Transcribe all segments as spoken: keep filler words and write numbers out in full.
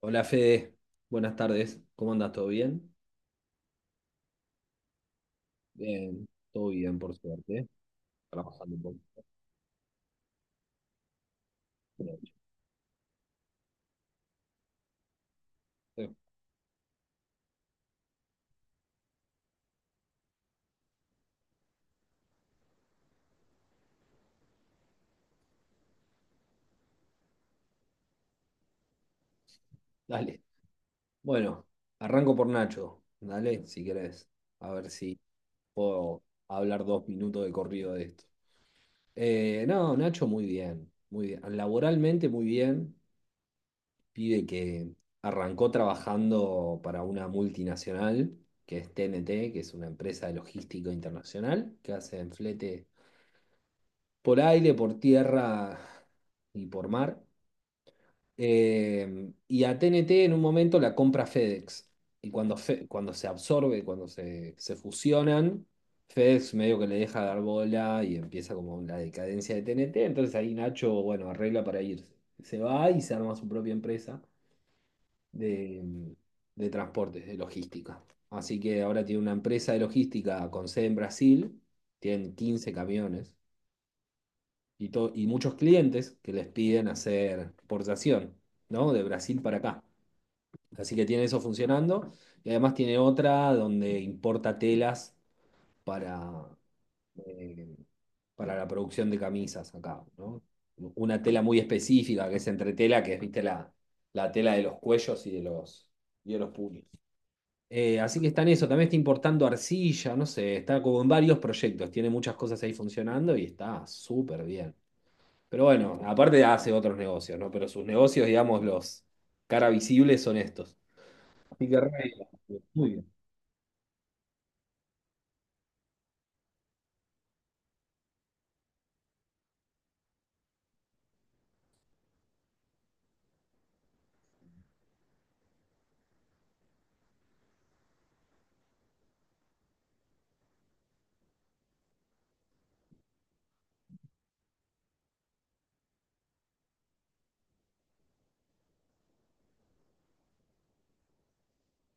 Hola Fede, buenas tardes. ¿Cómo andas? ¿Todo bien? Bien, todo bien, por suerte. Trabajando un poco. Pero, eh, dale. Bueno, arranco por Nacho. Dale, si querés. A ver si puedo hablar dos minutos de corrido de esto. Eh, no, Nacho, muy bien. Muy bien. Laboralmente, muy bien. Pide que arrancó trabajando para una multinacional, que es T N T, que es una empresa de logística internacional, que hace flete por aire, por tierra y por mar. Eh, y a T N T en un momento la compra FedEx. Y cuando, Fe- cuando se absorbe, cuando se, se fusionan, FedEx medio que le deja dar bola y empieza como la decadencia de T N T. Entonces ahí Nacho, bueno, arregla para irse. Se va y se arma su propia empresa de, de transportes, de logística. Así que ahora tiene una empresa de logística con sede en Brasil, tienen quince camiones y, to- y muchos clientes que les piden hacer exportación, ¿no? De Brasil para acá. Así que tiene eso funcionando. Y además tiene otra donde importa telas para, eh, para la producción de camisas acá, ¿no? Una tela muy específica que es entretela, que es, viste, la, la tela de los cuellos y de los, y de los puños. Eh, así que está en eso, también está importando arcilla, no sé, está como en varios proyectos, tiene muchas cosas ahí funcionando y está súper bien. Pero bueno, aparte hace otros negocios, ¿no? Pero sus negocios, digamos, los cara visibles son estos. Así que re bien. Muy bien.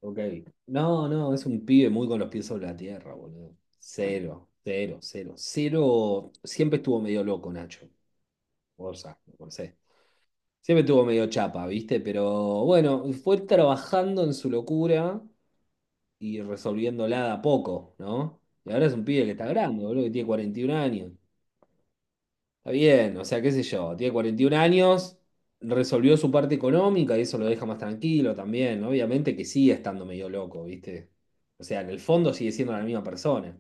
Ok. No, no, es un pibe muy con los pies sobre la tierra, boludo. Cero, cero, cero. Cero. Siempre estuvo medio loco, Nacho. O sea, no sé. Siempre estuvo medio chapa, ¿viste? Pero bueno, fue trabajando en su locura y resolviéndola de a poco, ¿no? Y ahora es un pibe que está grande, boludo, que tiene cuarenta y un años. Está bien, o sea, qué sé yo, tiene cuarenta y un años, resolvió su parte económica y eso lo deja más tranquilo también, ¿no? Obviamente que sigue estando medio loco, ¿viste? O sea, en el fondo sigue siendo la misma persona.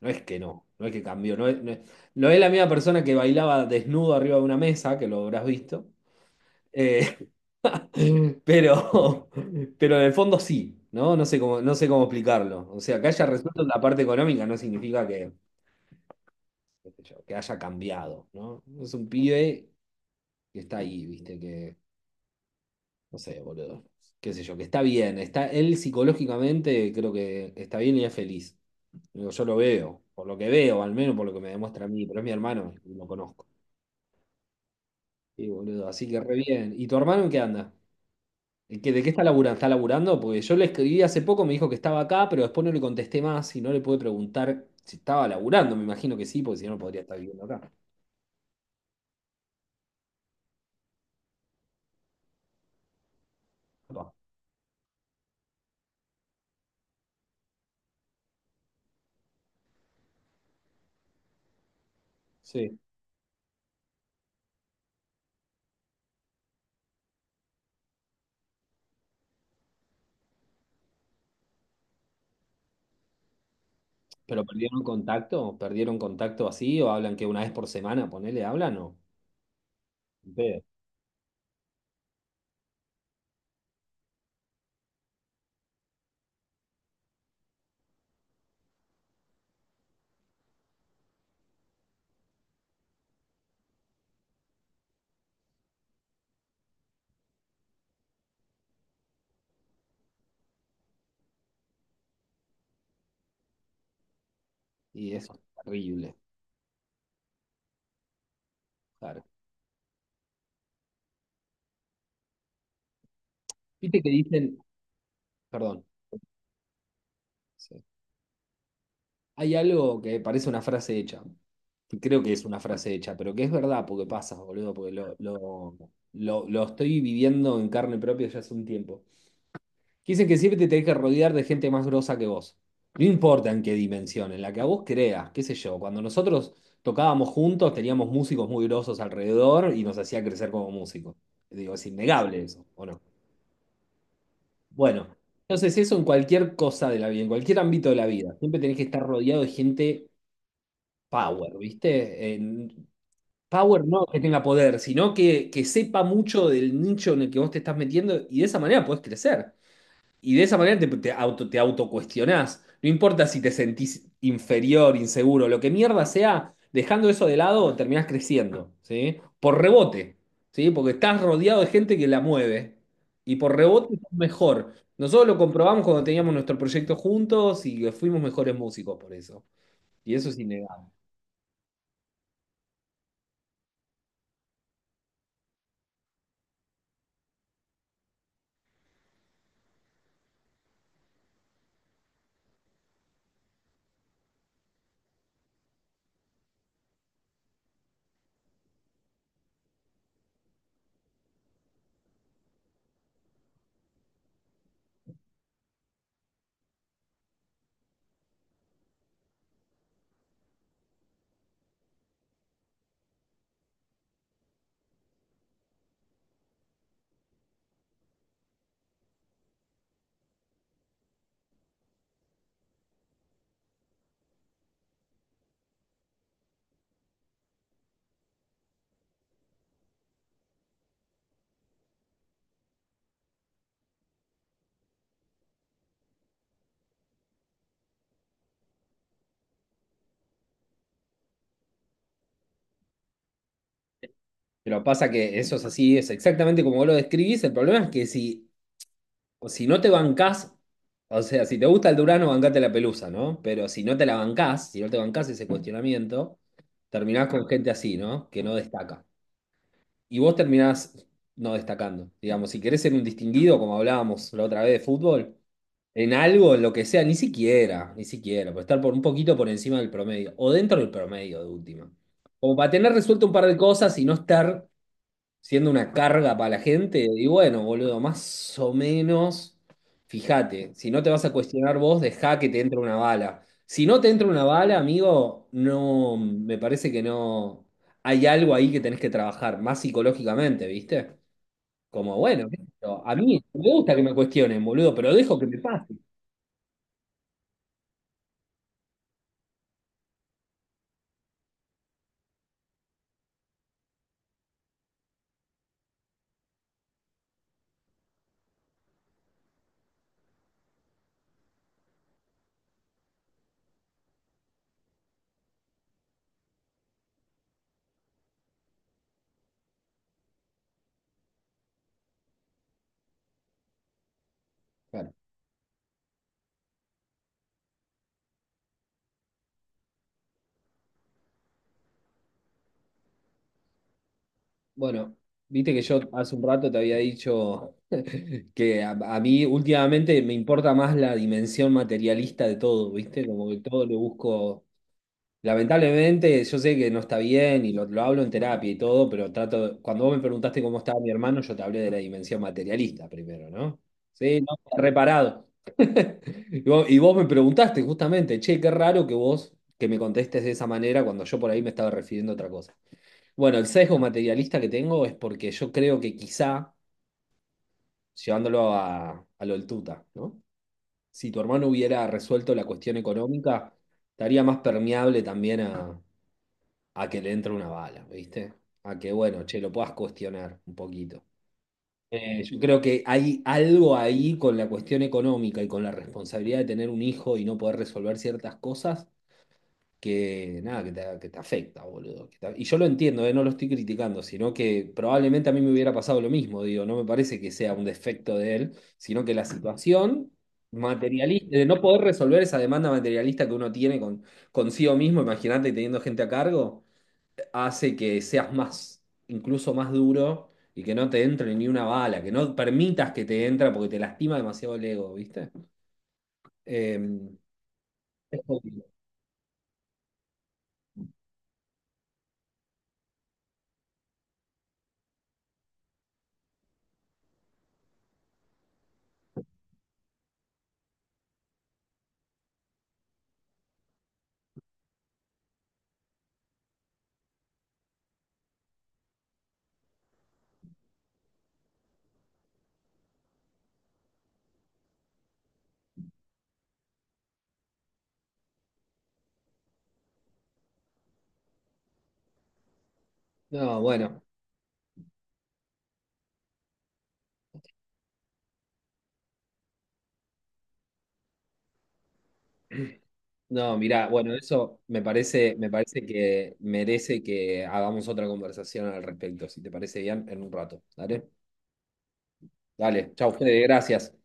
No es que no, no es que cambió, no es, no es, no es la misma persona que bailaba desnudo arriba de una mesa, que lo habrás visto. Eh, pero, pero en el fondo sí, ¿no? No sé cómo, no sé cómo explicarlo. O sea, que haya resuelto la parte económica no significa que, qué sé yo, que haya cambiado, ¿no? Es un pibe que está ahí, viste, que, no sé, boludo, qué sé yo, que está bien, está, él psicológicamente creo que está bien y es feliz. Digo, yo lo veo, por lo que veo, al menos por lo que me demuestra a mí, pero es mi hermano y lo conozco. Sí, boludo, así que re bien. ¿Y tu hermano en qué anda? ¿En qué- ¿De qué está laburando? ¿Está laburando? Porque yo le escribí hace poco, me dijo que estaba acá, pero después no le contesté más y no le pude preguntar si estaba laburando. Me imagino que sí, porque si no, no podría estar viviendo acá. Capaz. Sí. ¿Pero perdieron contacto? ¿Perdieron contacto así? ¿O hablan que una vez por semana, ponele, hablan o? Pedo. Y eso es terrible, claro. Viste que dicen, perdón, sí. Hay algo que parece una frase hecha, que creo que es una frase hecha, pero que es verdad porque pasa, boludo, porque lo, lo, lo, lo estoy viviendo en carne propia ya hace un tiempo. Que dicen que siempre te tenés que rodear de gente más grosa que vos. No importa en qué dimensión, en la que a vos creas, qué sé yo. Cuando nosotros tocábamos juntos, teníamos músicos muy grosos alrededor y nos hacía crecer como músicos. Digo, es innegable eso, ¿o no? Bueno, entonces eso en cualquier cosa de la vida, en cualquier ámbito de la vida. Siempre tenés que estar rodeado de gente power, ¿viste? En- power no que tenga poder, sino que, que sepa mucho del nicho en el que vos te estás metiendo y de esa manera podés crecer. Y de esa manera te, te auto, te autocuestionás. No importa si te sentís inferior, inseguro, lo que mierda sea, dejando eso de lado, terminás creciendo, ¿sí? Por rebote, ¿sí? Porque estás rodeado de gente que la mueve. Y por rebote estás mejor. Nosotros lo comprobamos cuando teníamos nuestro proyecto juntos y que fuimos mejores músicos por eso. Y eso es innegable. Pero pasa que eso es así, es exactamente como vos lo describís. El problema es que si o si no te bancás, o sea, si te gusta el Durano, bancate la pelusa, ¿no? Pero si no te la bancás, si no te bancás ese cuestionamiento, terminás con gente así, ¿no? Que no destaca. Y vos terminás no destacando. Digamos, si querés ser un distinguido, como hablábamos la otra vez de fútbol, en algo, en lo que sea, ni siquiera, ni siquiera, por estar por un poquito por encima del promedio, o dentro del promedio de última. Como para tener resuelto un par de cosas y no estar siendo una carga para la gente. Y bueno, boludo, más o menos, fíjate, si no te vas a cuestionar vos, dejá que te entre una bala. Si no te entra una bala, amigo, no, me parece que no. Hay algo ahí que tenés que trabajar, más psicológicamente, ¿viste? Como, bueno, qué sé yo, a mí me gusta que me cuestionen, boludo, pero dejo que me pase. Claro. Bueno, viste que yo hace un rato te había dicho. Que a, a mí últimamente me importa más la dimensión materialista de todo, ¿viste? Como que todo lo busco. Lamentablemente, yo sé que no está bien y lo, lo hablo en terapia y todo, pero trato. Cuando vos me preguntaste cómo estaba mi hermano, yo te hablé de la dimensión materialista primero, ¿no? Sí, no, está reparado. Y vos, y vos me preguntaste justamente, che, qué raro que vos que me contestes de esa manera cuando yo por ahí me estaba refiriendo a otra cosa. Bueno, el sesgo materialista que tengo es porque yo creo que quizá llevándolo a, a lo del tuta, ¿no? Si tu hermano hubiera resuelto la cuestión económica, estaría más permeable también a, a que le entre una bala, ¿viste? A que, bueno, che, lo puedas cuestionar un poquito. Eh, yo creo que hay algo ahí con la cuestión económica y con la responsabilidad de tener un hijo y no poder resolver ciertas cosas que nada, que te, que te afecta, boludo. que te- y yo lo entiendo, eh, no lo estoy criticando, sino que probablemente a mí me hubiera pasado lo mismo, digo, no me parece que sea un defecto de él, sino que la situación materialista, de no poder resolver esa demanda materialista que uno tiene con, consigo mismo, imagínate teniendo gente a cargo, hace que seas más, incluso más duro y que no te entre ni una bala, que no permitas que te entra porque te lastima demasiado el ego, ¿viste? Em, es jodido. No, bueno. No, mirá, bueno, eso me parece, me parece que merece que hagamos otra conversación al respecto, si te parece bien, en un rato. Dale, dale, chau, Fede, gracias.